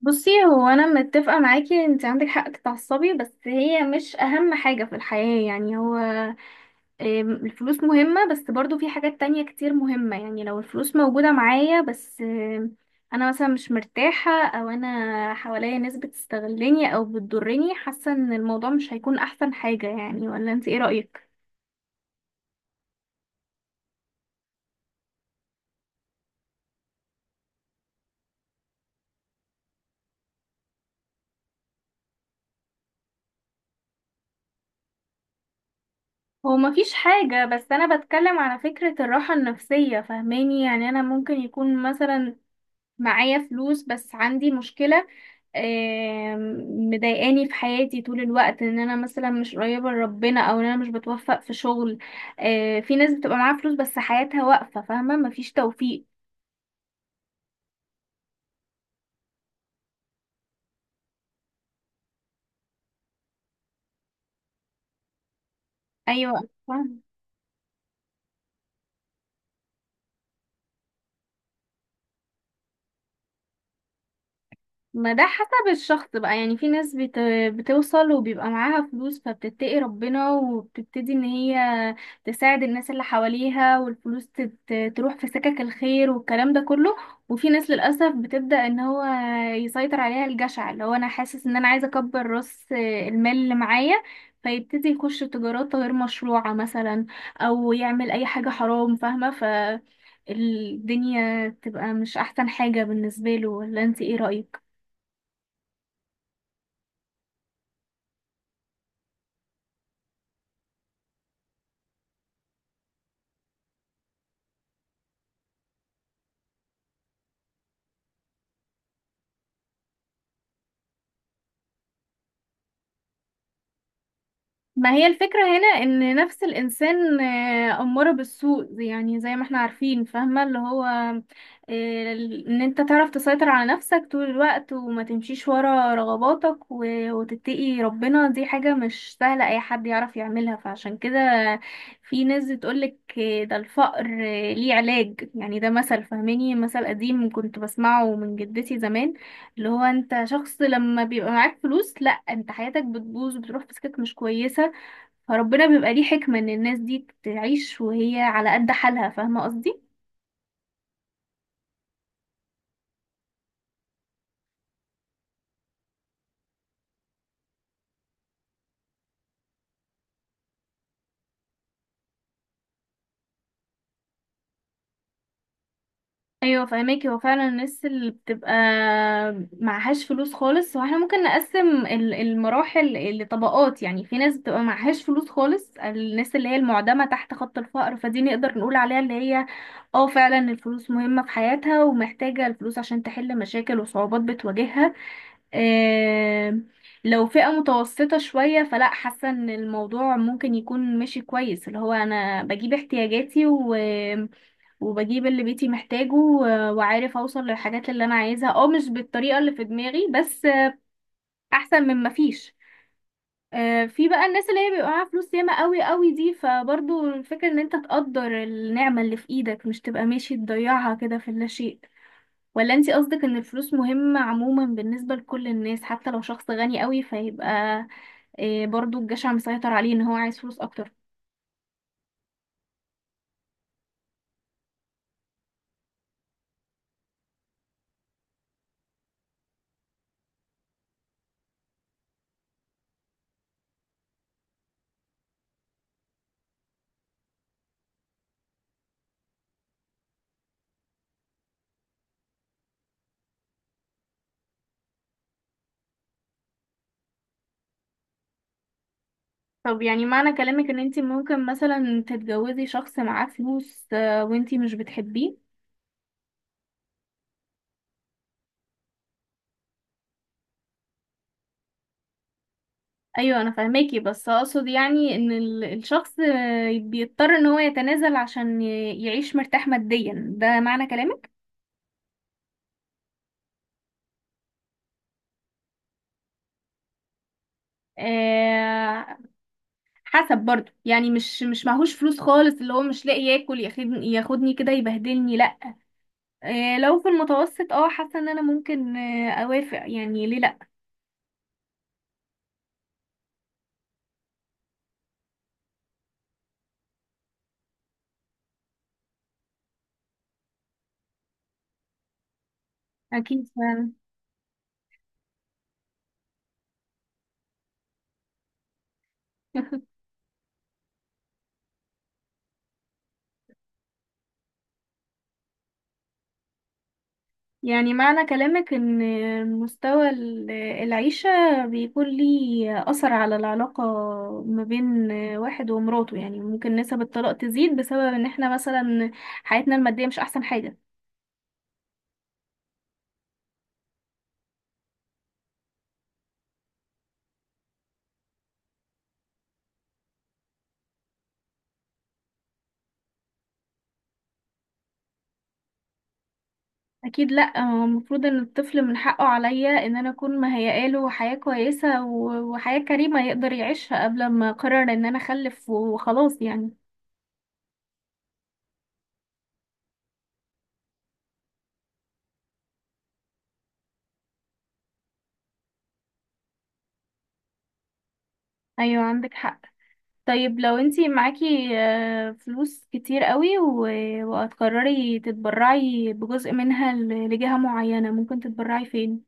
بصي، هو انا متفقه معاكي، انت عندك حق تتعصبي، بس هي مش اهم حاجه في الحياه. يعني هو الفلوس مهمه، بس برضو في حاجات تانية كتير مهمه. يعني لو الفلوس موجوده معايا، بس انا مثلا مش مرتاحه، او انا حواليا ناس بتستغلني او بتضرني، حاسه ان الموضوع مش هيكون احسن حاجه. يعني ولا انت ايه رايك؟ هو مفيش حاجة، بس أنا بتكلم على فكرة الراحة النفسية، فاهماني؟ يعني أنا ممكن يكون مثلا معايا فلوس بس عندي مشكلة مضايقاني في حياتي طول الوقت، ان انا مثلا مش قريبة لربنا، او ان انا مش بتوفق في شغل. في ناس بتبقى معاها فلوس، بس حياتها واقفة، فاهمة؟ مفيش توفيق. ايوه، فاهمة. ما ده حسب الشخص بقى. يعني في ناس بتوصل وبيبقى معاها فلوس، فبتتقي ربنا وبتبتدي ان هي تساعد الناس اللي حواليها، والفلوس تروح في سكك الخير والكلام ده كله. وفي ناس للأسف بتبدأ ان هو يسيطر عليها الجشع، اللي هو انا حاسس ان انا عايزة اكبر راس المال اللي معايا، فيبتدي يخش تجارات غير مشروعة مثلا، او يعمل اي حاجة حرام، فاهمة؟ ف الدنيا تبقى مش احسن حاجة بالنسبة له. ولا انت ايه رأيك؟ ما هي الفكرة هنا ان نفس الانسان اماره بالسوء، يعني زي ما احنا عارفين، فاهمة؟ اللي هو آه، ان انت تعرف تسيطر على نفسك طول الوقت، وما تمشيش ورا رغباتك، وتتقي ربنا. دي حاجة مش سهلة اي حد يعرف يعملها. فعشان كده في ناس بتقولك ده الفقر ليه علاج. يعني ده مثل، فاهماني؟ مثل قديم كنت بسمعه من جدتي زمان، اللي هو انت شخص لما بيبقى معاك فلوس، لا، انت حياتك بتبوظ وبتروح في سكك مش كويسة. فربنا بيبقى ليه حكمة ان الناس دي تعيش وهي على قد حالها. فاهمة قصدي؟ ايوه، فاهماكي. هو فعلا الناس اللي بتبقى معهاش فلوس خالص، واحنا ممكن نقسم المراحل لطبقات. يعني في ناس بتبقى معهاش فلوس خالص، الناس اللي هي المعدمة تحت خط الفقر، فدي نقدر نقول عليها اللي هي اه، فعلا الفلوس مهمة في حياتها، ومحتاجة الفلوس عشان تحل مشاكل وصعوبات بتواجهها. آم، لو فئة متوسطة شوية، فلا، حاسة ان الموضوع ممكن يكون ماشي كويس. اللي هو انا بجيب احتياجاتي وبجيب اللي بيتي محتاجه، وعارف اوصل للحاجات اللي انا عايزها، اه مش بالطريقة اللي في دماغي، بس احسن من مفيش. في بقى الناس اللي هي بيبقى معاها فلوس ياما قوي قوي، دي فبرضو الفكرة ان انت تقدر النعمة اللي في ايدك، مش تبقى ماشي تضيعها كده في اللاشيء. ولا انتي قصدك ان الفلوس مهمة عموما بالنسبة لكل الناس، حتى لو شخص غني قوي، فيبقى برضو الجشع مسيطر عليه، ان هو عايز فلوس اكتر؟ طب يعني معنى كلامك ان انتي ممكن مثلا تتجوزي شخص معاه فلوس، وانتي مش بتحبيه؟ ايوه انا فاهماكي، بس اقصد يعني ان الشخص بيضطر ان هو يتنازل عشان يعيش مرتاح ماديا. ده معنى كلامك؟ آه، حسب برضو. يعني مش معهوش فلوس خالص اللي هو مش لاقي ياكل، ياخدني كده يبهدلني، لا. لو في المتوسط، اه، حاسه ان انا ممكن اوافق. يعني ليه لا؟ اكيد، فعلا. يعني معنى كلامك ان مستوى العيشه بيكون ليه اثر على العلاقه ما بين واحد ومراته؟ يعني ممكن نسب الطلاق تزيد بسبب ان احنا مثلا حياتنا الماديه مش احسن حاجه. اكيد، لا، هو المفروض ان الطفل من حقه عليا ان انا اكون مهيئه له حياه كويسه وحياه كريمه يقدر يعيشها، قبل ما اقرر ان انا اخلف وخلاص يعني. ايوه، عندك حق. طيب لو انتي معاكي فلوس كتير قوي وهتقرري تتبرعي بجزء منها لجهة معينة، ممكن تتبرعي فين؟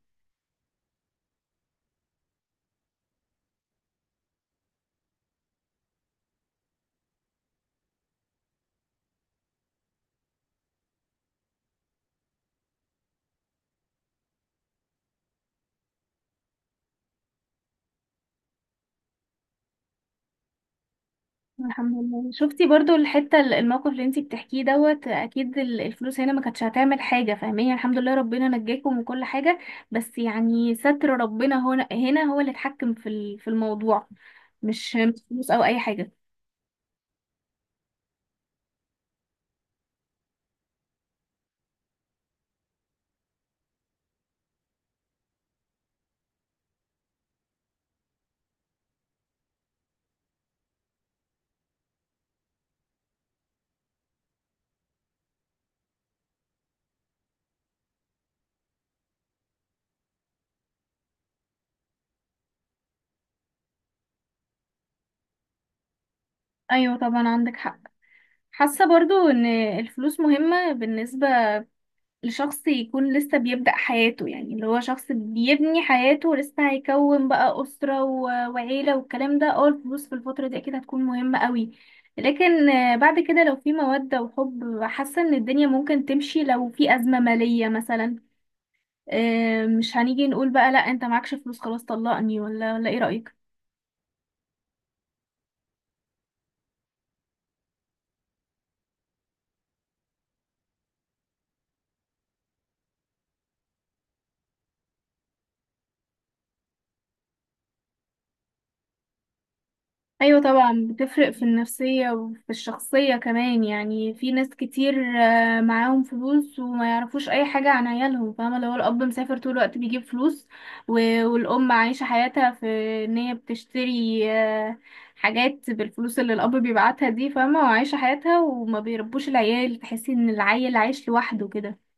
الحمد لله. شفتي برضو الحتة الموقف اللي انتي بتحكيه دوت، اكيد الفلوس هنا ما كانتش هتعمل حاجة، فاهمين؟ الحمد لله، ربنا نجاكم من كل حاجة. بس يعني ستر ربنا هنا هو اللي اتحكم في في الموضوع، مش فلوس او اي حاجة. ايوه طبعا، عندك حق. حاسة برضو ان الفلوس مهمة بالنسبة لشخص يكون لسه بيبدأ حياته. يعني اللي هو شخص بيبني حياته لسه، هيكون بقى أسرة وعيلة والكلام ده، اه الفلوس في الفترة دي أكيد هتكون مهمة قوي. لكن بعد كده لو في مودة وحب، حاسة إن الدنيا ممكن تمشي لو في أزمة مالية مثلا. مش هنيجي نقول بقى لأ، أنت معكش فلوس، خلاص طلقني. ولا إيه رأيك؟ ايوه طبعا، بتفرق في النفسية وفي الشخصية كمان. يعني في ناس كتير معاهم فلوس وما يعرفوش اي حاجة عن عيالهم، فاهمة؟ لو الاب مسافر طول الوقت بيجيب فلوس، والام عايشة حياتها في ان هي بتشتري حاجات بالفلوس اللي الاب بيبعتها دي، فاهمة؟ وعايشة حياتها وما بيربوش العيال، تحسي ان العيل عايش لوحده كده.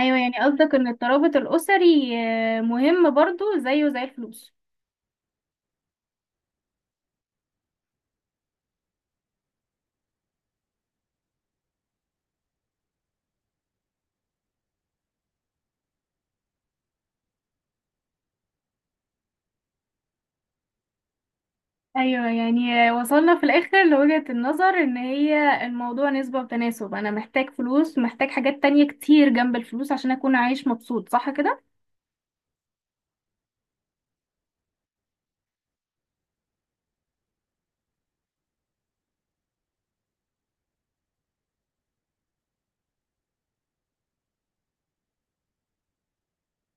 ايوه، يعني قصدك ان الترابط الاسري مهم برضو زيه زي الفلوس. ايوه، يعني وصلنا في الاخر لوجهة النظر ان هي الموضوع نسبة وتناسب. انا محتاج فلوس، محتاج حاجات تانية كتير جنب الفلوس عشان اكون عايش مبسوط. صح كده؟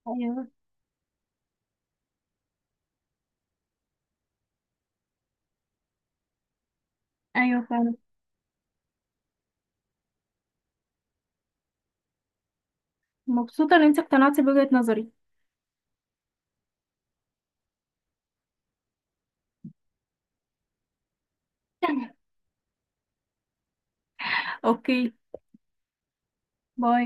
ايوه. ايوه فعلا. مبسوطة ان انت اقتنعتي بوجهة نظري. اوكي، باي.